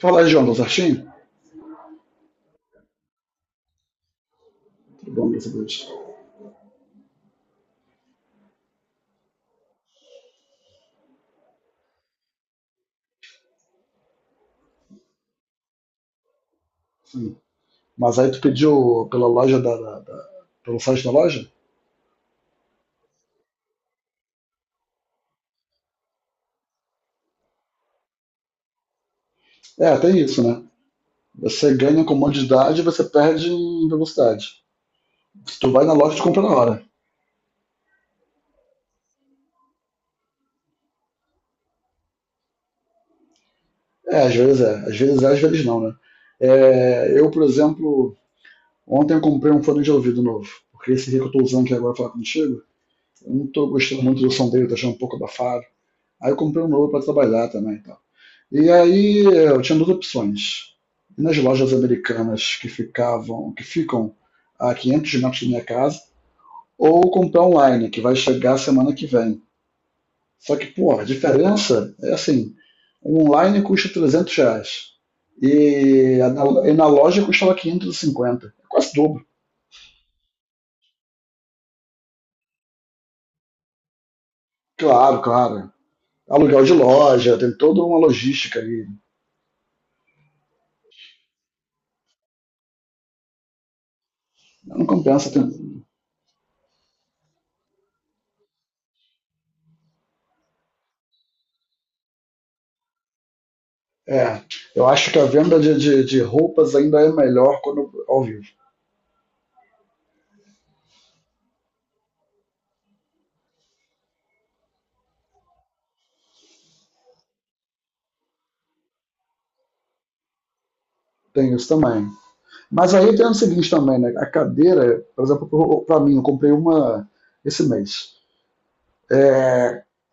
Falar, João, do certinho? Tudo bom, graças a Deus. Sim. Mas aí tu pediu pela loja pelo site da loja? É, tem isso, né? Você ganha comodidade e você perde em velocidade. Se tu vai na loja, tu compra na hora. É, às vezes é. Às vezes é, às vezes não, né? É, eu, por exemplo, ontem eu comprei um fone de ouvido novo. Porque esse aqui que eu tô usando aqui agora pra falar contigo, eu não tô gostando muito do som dele, tá achando um pouco abafado. Aí eu comprei um novo pra trabalhar também e tal. E aí eu tinha duas opções. Ir nas lojas americanas que ficam a 500 metros da minha casa, ou comprar online, que vai chegar semana que vem. Só que, pô, a diferença é assim, o online custa R$ 300 e na loja custava 550, é quase dobro. Claro, claro. Aluguel de loja, tem toda uma logística aí. Não compensa. É, eu acho que a venda de roupas ainda é melhor quando ao vivo. Tem isso também. Mas aí tem o seguinte também, né? A cadeira, por exemplo, para mim, eu comprei uma esse mês.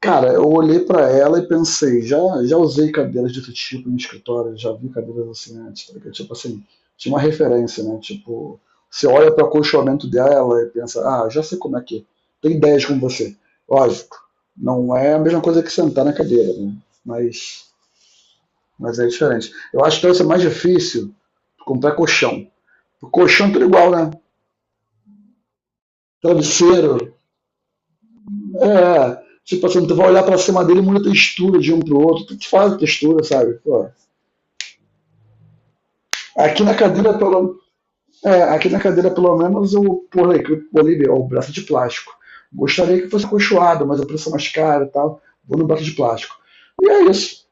Cara, eu olhei para ela e pensei, já usei cadeiras desse tipo em escritório, já vi cadeiras assim antes, porque, tipo assim, tinha uma referência, né? Tipo, você olha para o acolchoamento dela e pensa, ah, já sei como é que é. Tem ideias com você. Lógico, não é a mesma coisa que sentar na cadeira, né? Mas, mas é diferente. Eu acho que deve ser mais difícil comprar colchão. O colchão é tudo igual, né? Travesseiro. É, tipo assim, tu vai olhar pra cima dele e muda a textura de um pro outro. Tu faz a textura, sabe? Pô. Aqui na cadeira, pelo, é, aqui na cadeira, pelo menos, eu pulei o braço de plástico. Gostaria que fosse cochoado, mas a pressão mais cara e tal. Vou no braço de plástico. E é isso.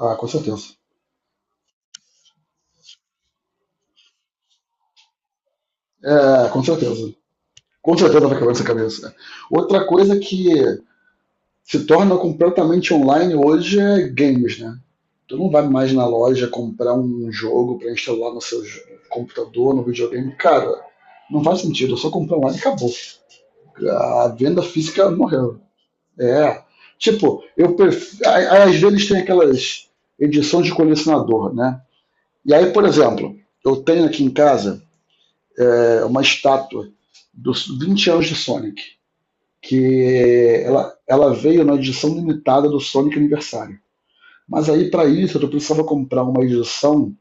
Ah, com certeza. É, com certeza. Com certeza vai quebrar essa cabeça. Outra coisa que se torna completamente online hoje é games, né? Tu não vai mais na loja comprar um jogo para instalar no seu computador, no videogame. Cara, não faz sentido. Eu só comprei online e acabou. A venda física morreu. É. Tipo, eu prefiro, às vezes tem aquelas edições de colecionador, né? E aí, por exemplo, eu tenho aqui em casa uma estátua dos 20 anos de Sonic, que ela veio na edição limitada do Sonic Aniversário. Mas aí, para isso, eu precisava comprar uma edição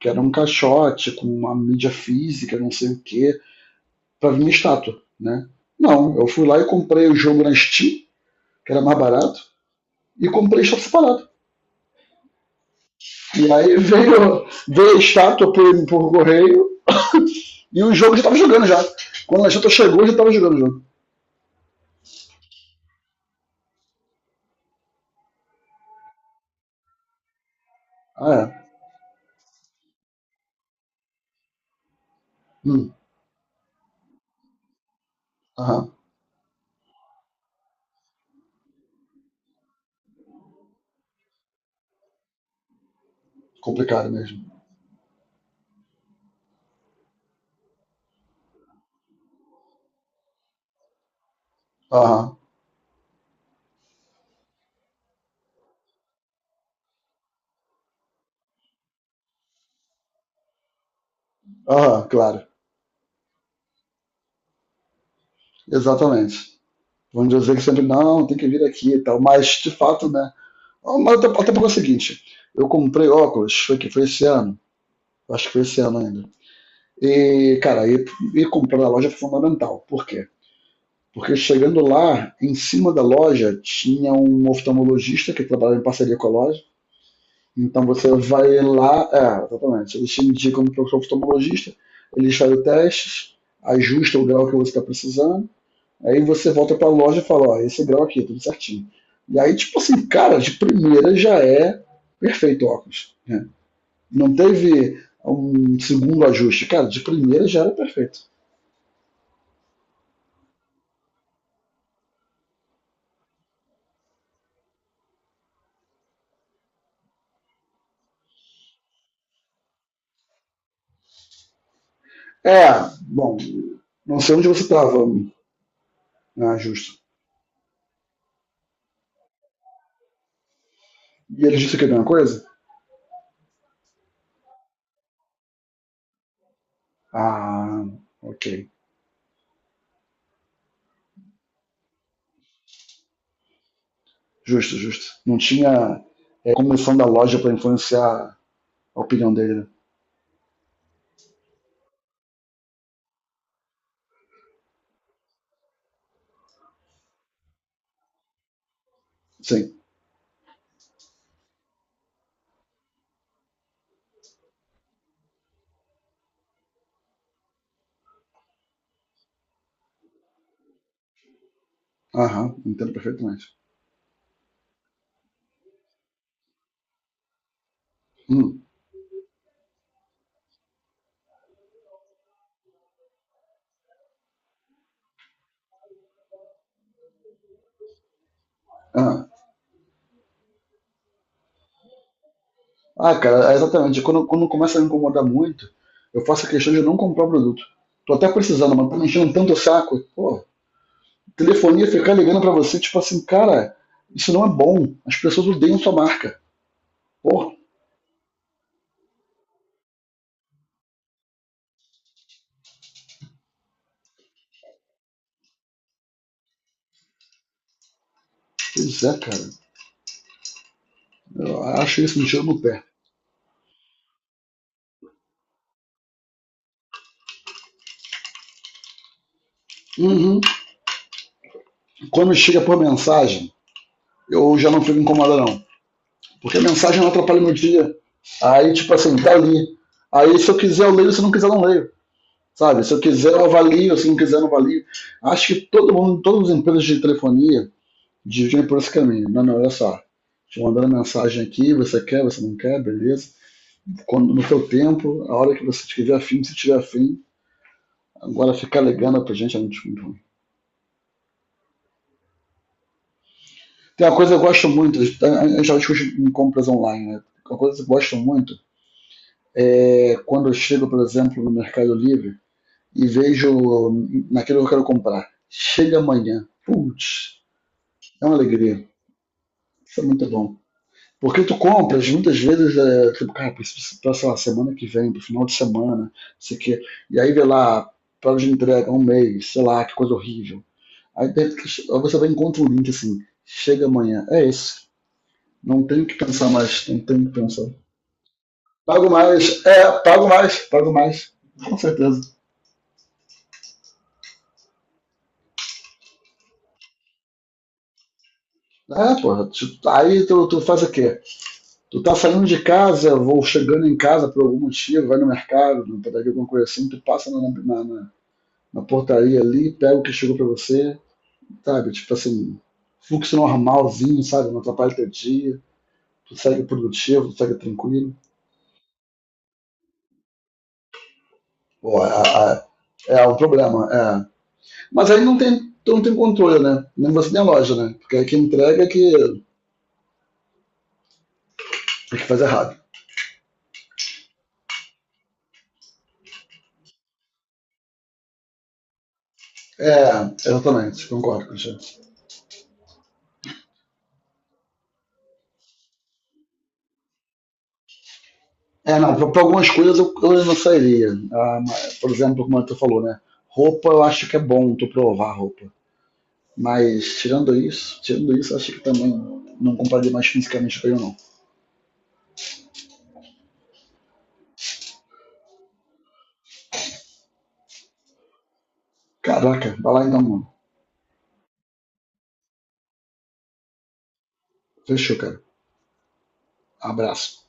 que era um caixote com uma mídia física, não sei o que, para vir minha estátua, né? Não, eu fui lá e comprei o jogo na Steam, que era mais barato, e comprei a estátua separada. E aí veio a estátua por correio e o jogo já estava jogando já. Quando a estátua chegou, já estava jogando o jogo. Ah, é. Hum, aham. Complicado mesmo. Aham, aham, claro. Exatamente. Vamos dizer que sempre, não, tem que vir aqui e tal. Mas, de fato, né? Mas até porque é o seguinte, eu comprei óculos, foi que foi esse ano, acho que foi esse ano ainda. E, cara, ir comprar na loja foi fundamental. Por quê? Porque chegando lá, em cima da loja, tinha um oftalmologista que trabalhava em parceria com a loja. Então você vai lá, é, exatamente. Eles te indicam para o oftalmologista, eles fazem testes, ajustam o grau que você está precisando. Aí você volta pra loja e fala, ó, esse grau aqui, tudo certinho. E aí, tipo assim, cara, de primeira já é perfeito o óculos. Né? Não teve um segundo ajuste. Cara, de primeira já era perfeito. É, bom, não sei onde você tava, né, justo. E eles disseram que é a mesma coisa? Ah, ok. Justo, justo. Não tinha comissão da loja para influenciar a opinião dele. Né? Sim. Aham, entendo perfeitamente. Hum, ah, Ah, cara, é exatamente. Quando começa a me incomodar muito, eu faço a questão de não comprar o produto. Tô até precisando, mas tá me enchendo tanto o saco. Pô, telefonia ficar ligando pra você, tipo assim, cara, isso não é bom. As pessoas odeiam sua marca. Pô, pois é, cara. Eu acho isso um tiro no pé. Uhum. Quando chega por mensagem, eu já não fico incomodado, não. Porque a mensagem não atrapalha meu dia. Aí, tipo assim, tá ali. Aí, se eu quiser, eu leio. Se eu não quiser, eu não leio. Sabe, se eu quiser, eu avalio, se não quiser, eu não avalio. Acho que todo mundo, todas as empresas de telefonia dividem por esse caminho. Não, não, olha só. Te mandando mensagem aqui, você quer, você não quer, beleza. Quando, no seu tempo, a hora que você tiver afim, se tiver afim, agora ficar ligando pra gente é muito, muito ruim. Tem uma coisa que eu gosto muito, a gente já discute em compras online, né? Uma coisa que eu gosto muito é quando eu chego, por exemplo, no Mercado Livre e vejo naquilo que eu quero comprar. Chega amanhã. Putz, é uma alegria. Isso é muito bom. Porque tu compras, muitas vezes, é, tipo, cara, preciso pra, sei lá, semana que vem, pro final de semana, sei que. E aí vê lá, prazo de entrega, um mês, sei lá, que coisa horrível. Aí de repente, aí você vai e encontra um link assim, chega amanhã, é isso. Não tenho que pensar mais, não tenho que pensar. Pago mais, pago mais. Com certeza. É, porra, tu faz o quê? Tu tá saindo de casa, ou chegando em casa por algum motivo, vai no mercado, na padaria, alguma coisa assim, tu passa na portaria ali, pega o que chegou para você, sabe? Tipo assim, fluxo normalzinho, sabe? Não atrapalha teu dia, tu segue produtivo, tu segue tranquilo. Pô, é o problema. É. Mas aí não tem, tu não tem controle, né? Nem você nem a loja, né? Porque aí quem entrega é que faz errado. É, exatamente, concordo, Cristiano. É, não, pra algumas coisas eu não sairia. Ah, mas, por exemplo, como tu falou, né? Roupa eu acho que é bom tu provar roupa. Mas tirando isso, acho que também não compraria mais fisicamente pra ele, não. Caraca, vai lá então, mano. Fechou, cara. Abraço.